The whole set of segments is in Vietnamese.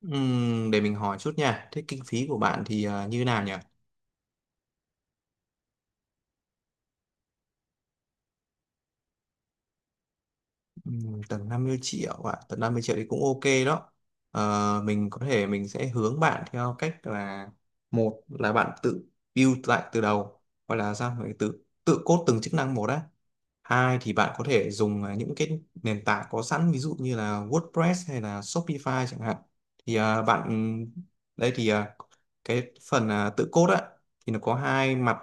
Để mình hỏi chút nha. Thế kinh phí của bạn thì như nào nhỉ? Tầm 50 triệu ạ, tầm 50 triệu thì cũng ok đó. Mình có thể mình sẽ hướng bạn theo cách là: một là bạn tự build lại từ đầu, hoặc là sao phải tự tự code từng chức năng một á. Hai thì bạn có thể dùng những cái nền tảng có sẵn, ví dụ như là WordPress hay là Shopify chẳng hạn. Thì à, bạn đây thì à, cái phần tự code á thì nó có hai mặt.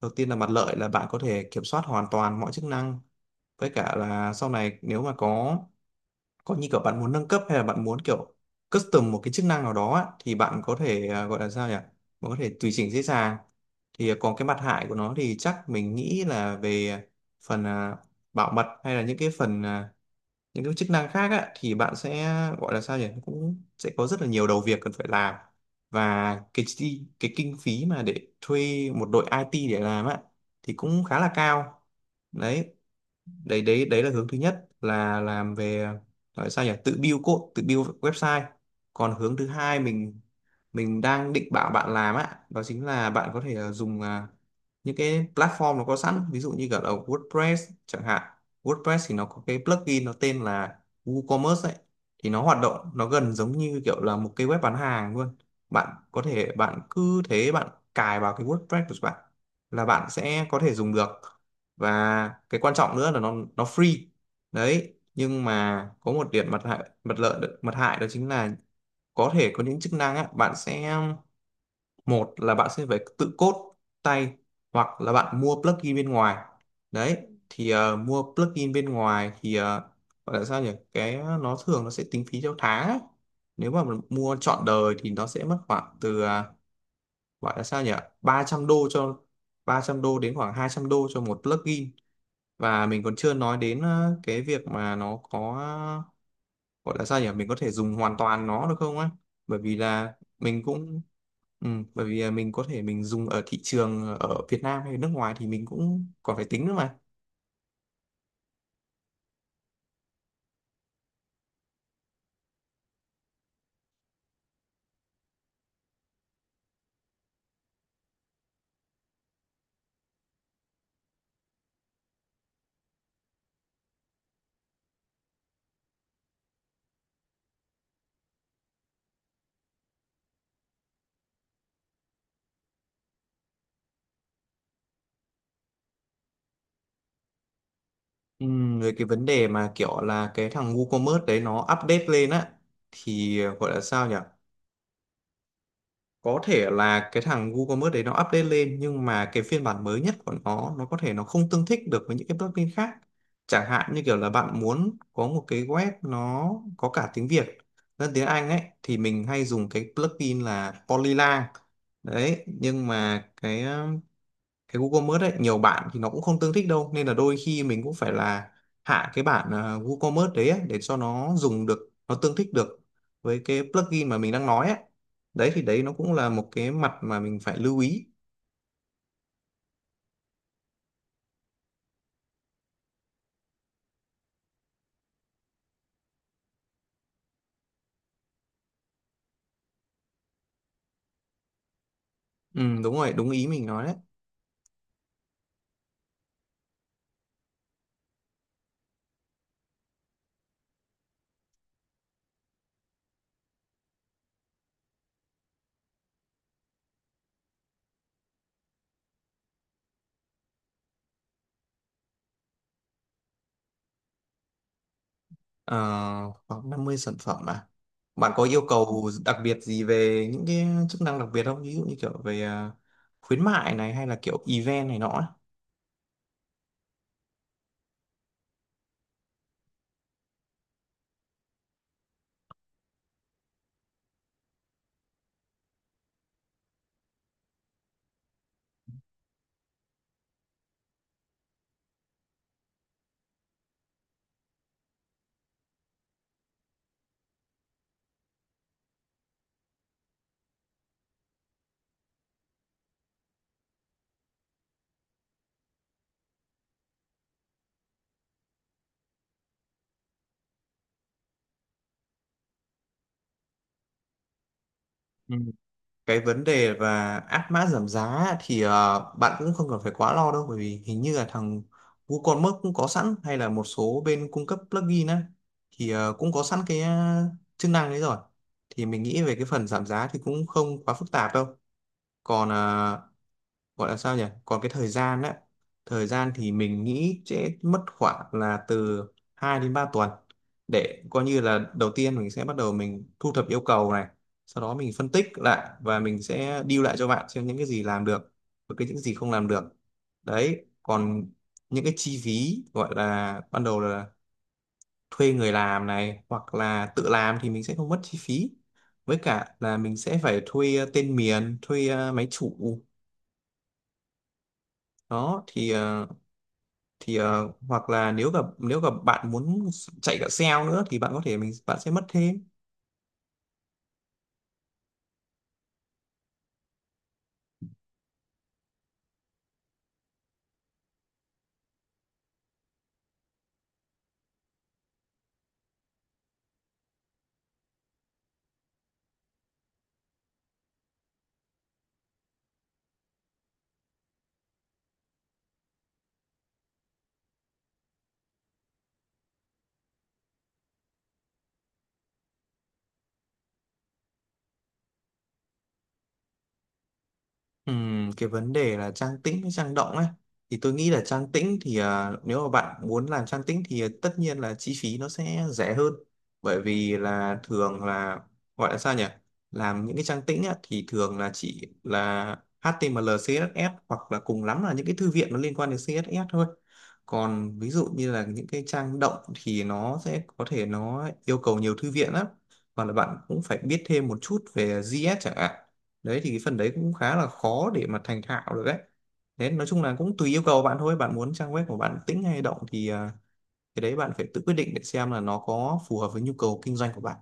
Đầu tiên là mặt lợi là bạn có thể kiểm soát hoàn toàn mọi chức năng, với cả là sau này nếu mà có như kiểu bạn muốn nâng cấp hay là bạn muốn kiểu custom một cái chức năng nào đó á, thì bạn có thể à, gọi là sao nhỉ bạn có thể tùy chỉnh dễ dàng. Thì còn cái mặt hại của nó thì chắc mình nghĩ là về phần bảo mật, hay là những cái phần những cái chức năng khác á, thì bạn sẽ gọi là sao nhỉ cũng sẽ có rất là nhiều đầu việc cần phải làm, và cái kinh phí mà để thuê một đội IT để làm á thì cũng khá là cao. Đấy đấy đấy Đấy là hướng thứ nhất, là làm về gọi sao nhỉ tự build code, tự build website. Còn hướng thứ hai mình đang định bảo bạn làm á, đó chính là bạn có thể dùng những cái platform nó có sẵn, ví dụ như cả là WordPress chẳng hạn. WordPress thì nó có cái plugin nó tên là WooCommerce ấy. Thì nó hoạt động nó gần giống như kiểu là một cái web bán hàng luôn. Bạn có thể bạn cứ thế bạn cài vào cái WordPress của bạn là bạn sẽ có thể dùng được. Và cái quan trọng nữa là nó free. Đấy, nhưng mà có một điểm, mặt hại đó chính là có thể có những chức năng á, bạn sẽ một là bạn sẽ phải tự code tay, hoặc là bạn mua plugin bên ngoài. Đấy, thì mua plugin bên ngoài thì ờ, gọi là sao nhỉ cái nó thường nó sẽ tính phí theo tháng ấy. Nếu mà mình mua trọn đời thì nó sẽ mất khoảng từ ờ, gọi là sao nhỉ 300 đô cho 300 đô đến khoảng 200 đô cho một plugin. Và mình còn chưa nói đến cái việc mà nó có ờ, gọi là sao nhỉ mình có thể dùng hoàn toàn nó được không á, bởi vì là mình cũng ừ, bởi vì là mình có thể mình dùng ở thị trường ở Việt Nam hay nước ngoài thì mình cũng còn phải tính nữa mà. Ừ, rồi cái vấn đề mà kiểu là cái thằng WooCommerce đấy nó update lên á, thì ờ, gọi là sao nhỉ có thể là cái thằng WooCommerce đấy nó update lên, nhưng mà cái phiên bản mới nhất của nó có thể nó không tương thích được với những cái plugin khác. Chẳng hạn như kiểu là bạn muốn có một cái web nó có cả tiếng Việt lẫn tiếng Anh ấy, thì mình hay dùng cái plugin là Polylang. Đấy, nhưng mà cái WooCommerce ấy nhiều bạn thì nó cũng không tương thích đâu, nên là đôi khi mình cũng phải là hạ cái bản WooCommerce đấy ấy, để cho nó dùng được, nó tương thích được với cái plugin mà mình đang nói ấy. Đấy thì đấy nó cũng là một cái mặt mà mình phải lưu ý. Ừ, đúng rồi, đúng ý mình nói đấy. Ờ, Khoảng 50 sản phẩm à? Bạn có yêu cầu đặc biệt gì về những cái chức năng đặc biệt không, ví dụ như kiểu về khuyến mại này, hay là kiểu event này nọ ấy? Cái vấn đề và áp mã giảm giá á, thì bạn cũng không cần phải quá lo đâu, bởi vì hình như là thằng WooCommerce cũng có sẵn, hay là một số bên cung cấp plugin á thì cũng có sẵn cái chức năng đấy rồi. Thì mình nghĩ về cái phần giảm giá thì cũng không quá phức tạp đâu. Còn ờ, gọi là sao nhỉ còn cái thời gian á, thời gian thì mình nghĩ sẽ mất khoảng là từ 2 đến 3 tuần, để coi như là đầu tiên mình sẽ bắt đầu mình thu thập yêu cầu này, sau đó mình phân tích lại và mình sẽ deal lại cho bạn xem những cái gì làm được và cái những gì không làm được. Đấy, còn những cái chi phí gọi là ban đầu là thuê người làm này, hoặc là tự làm thì mình sẽ không mất chi phí, với cả là mình sẽ phải thuê tên miền, thuê máy chủ. Đó thì hoặc là nếu gặp bạn muốn chạy cả sale nữa thì bạn có thể bạn sẽ mất thêm. Cái vấn đề là trang tĩnh hay trang động ấy, thì tôi nghĩ là trang tĩnh thì nếu mà bạn muốn làm trang tĩnh thì tất nhiên là chi phí nó sẽ rẻ hơn. Bởi vì là thường là gọi là sao nhỉ làm những cái trang tĩnh á, thì thường là chỉ là HTML CSS, hoặc là cùng lắm là những cái thư viện nó liên quan đến CSS thôi. Còn ví dụ như là những cái trang động thì nó sẽ có thể nó yêu cầu nhiều thư viện lắm, hoặc là bạn cũng phải biết thêm một chút về JS chẳng hạn. Đấy thì cái phần đấy cũng khá là khó để mà thành thạo được đấy. Thế nói chung là cũng tùy yêu cầu bạn thôi, bạn muốn trang web của bạn tĩnh hay động thì cái đấy bạn phải tự quyết định để xem là nó có phù hợp với nhu cầu kinh doanh của bạn.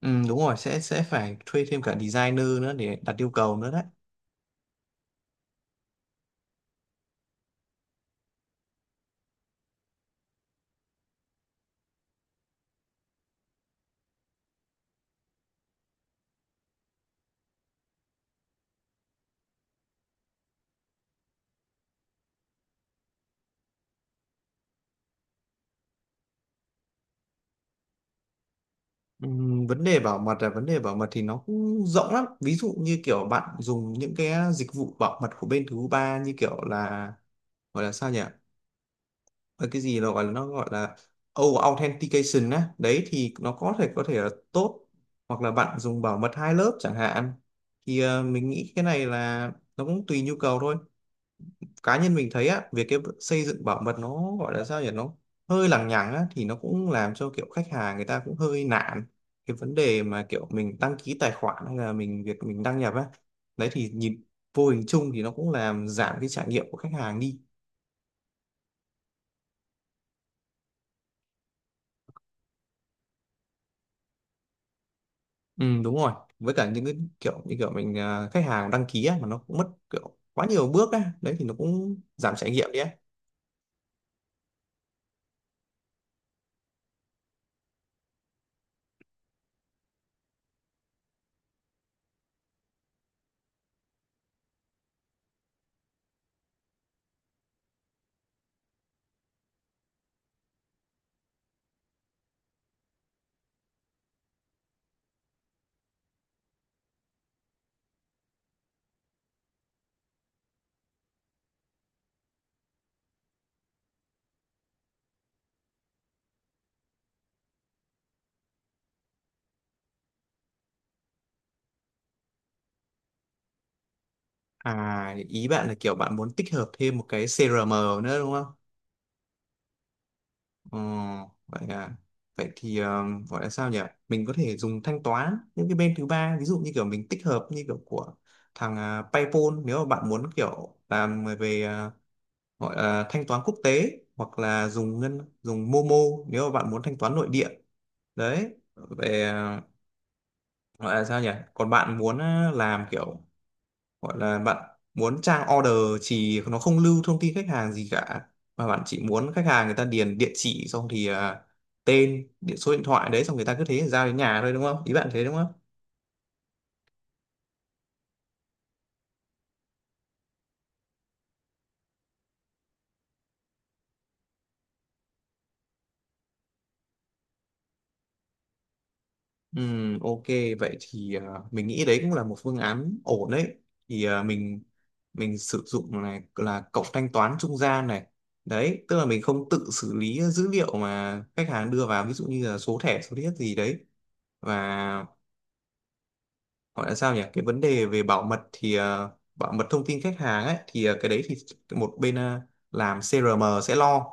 Ừ, đúng rồi, sẽ phải thuê thêm cả designer nữa để đặt yêu cầu nữa đấy. Ừ, vấn đề bảo mật, là vấn đề bảo mật thì nó cũng rộng lắm, ví dụ như kiểu bạn dùng những cái dịch vụ bảo mật của bên thứ ba như kiểu là gọi là sao nhỉ và cái gì nó gọi là over authentication á, đấy thì nó có thể là tốt, hoặc là bạn dùng bảo mật hai lớp chẳng hạn. Thì mình nghĩ cái này là nó cũng tùy nhu cầu thôi. Cá nhân mình thấy á, việc cái xây dựng bảo mật nó gọi là sao nhỉ nó hơi lằng nhằng á, thì nó cũng làm cho kiểu khách hàng người ta cũng hơi nản. Cái vấn đề mà kiểu mình đăng ký tài khoản, hay là mình việc mình đăng nhập á, đấy thì nhìn vô hình chung thì nó cũng làm giảm cái trải nghiệm của khách hàng đi. Ừ, đúng rồi, với cả những cái kiểu như kiểu mình khách hàng đăng ký á, mà nó cũng mất kiểu quá nhiều bước á, đấy thì nó cũng giảm trải nghiệm đi á. À, ý bạn là kiểu bạn muốn tích hợp thêm một cái CRM nữa đúng không? Ừ, vậy à? Vậy thì ờ, gọi là sao nhỉ mình có thể dùng thanh toán những cái bên thứ ba, ví dụ như kiểu mình tích hợp như kiểu của thằng PayPal nếu mà bạn muốn kiểu làm về gọi là thanh toán quốc tế, hoặc là dùng Momo nếu mà bạn muốn thanh toán nội địa. Đấy về ờ, gọi là sao nhỉ còn bạn muốn làm kiểu gọi là bạn muốn trang order chỉ nó không lưu thông tin khách hàng gì cả, mà bạn chỉ muốn khách hàng người ta điền địa chỉ, xong thì tên điện số điện thoại đấy, xong người ta cứ thế giao đến nhà thôi đúng không, ý bạn thế đúng không? Ok, vậy thì mình nghĩ đấy cũng là một phương án ổn đấy. Thì mình sử dụng này là cổng thanh toán trung gian này. Đấy tức là mình không tự xử lý dữ liệu mà khách hàng đưa vào, ví dụ như là số thẻ số thiết gì đấy. Và gọi là sao nhỉ cái vấn đề về bảo mật thì bảo mật thông tin khách hàng ấy thì cái đấy thì một bên làm CRM sẽ lo.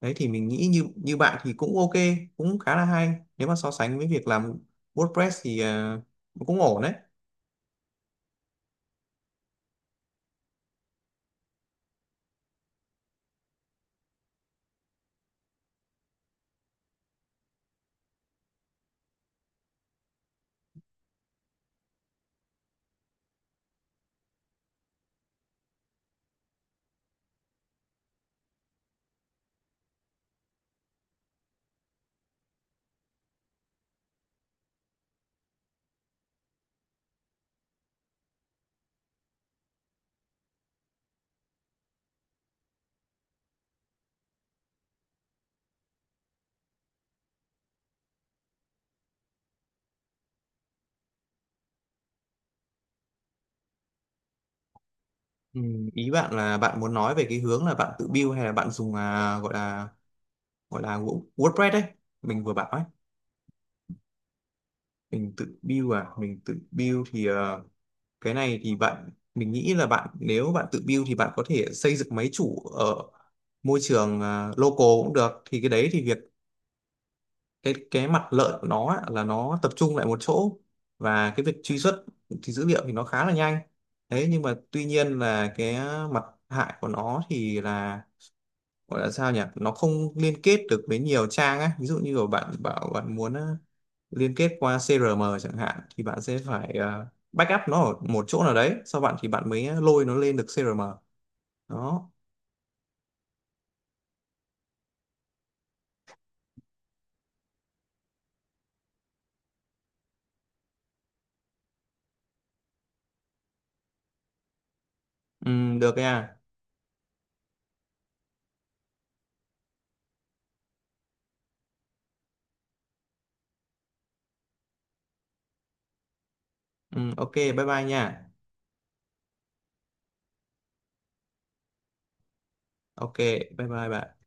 Đấy thì mình nghĩ như như bạn thì cũng ok, cũng khá là hay, nếu mà so sánh với việc làm WordPress thì cũng ổn đấy. Ừ, ý bạn là bạn muốn nói về cái hướng là bạn tự build hay là bạn dùng à, gọi là WordPress đấy mình vừa bảo ấy. Mình tự build à? Mình tự build thì cái này thì mình nghĩ là bạn nếu bạn tự build thì bạn có thể xây dựng máy chủ ở môi trường local cũng được. Thì cái đấy thì cái mặt lợi của nó á, là nó tập trung lại một chỗ, và cái việc truy xuất dữ liệu thì nó khá là nhanh. Thế nhưng mà tuy nhiên là cái mặt hại của nó thì là gọi là sao nhỉ nó không liên kết được với nhiều trang á, ví dụ như là bạn bảo bạn muốn liên kết qua CRM chẳng hạn thì bạn sẽ phải backup nó ở một chỗ nào đấy, sau bạn thì bạn mới lôi nó lên được CRM. Đó. Ừ, được nha. Ừ, ok bye bye nha. Ok, bye bye bạn.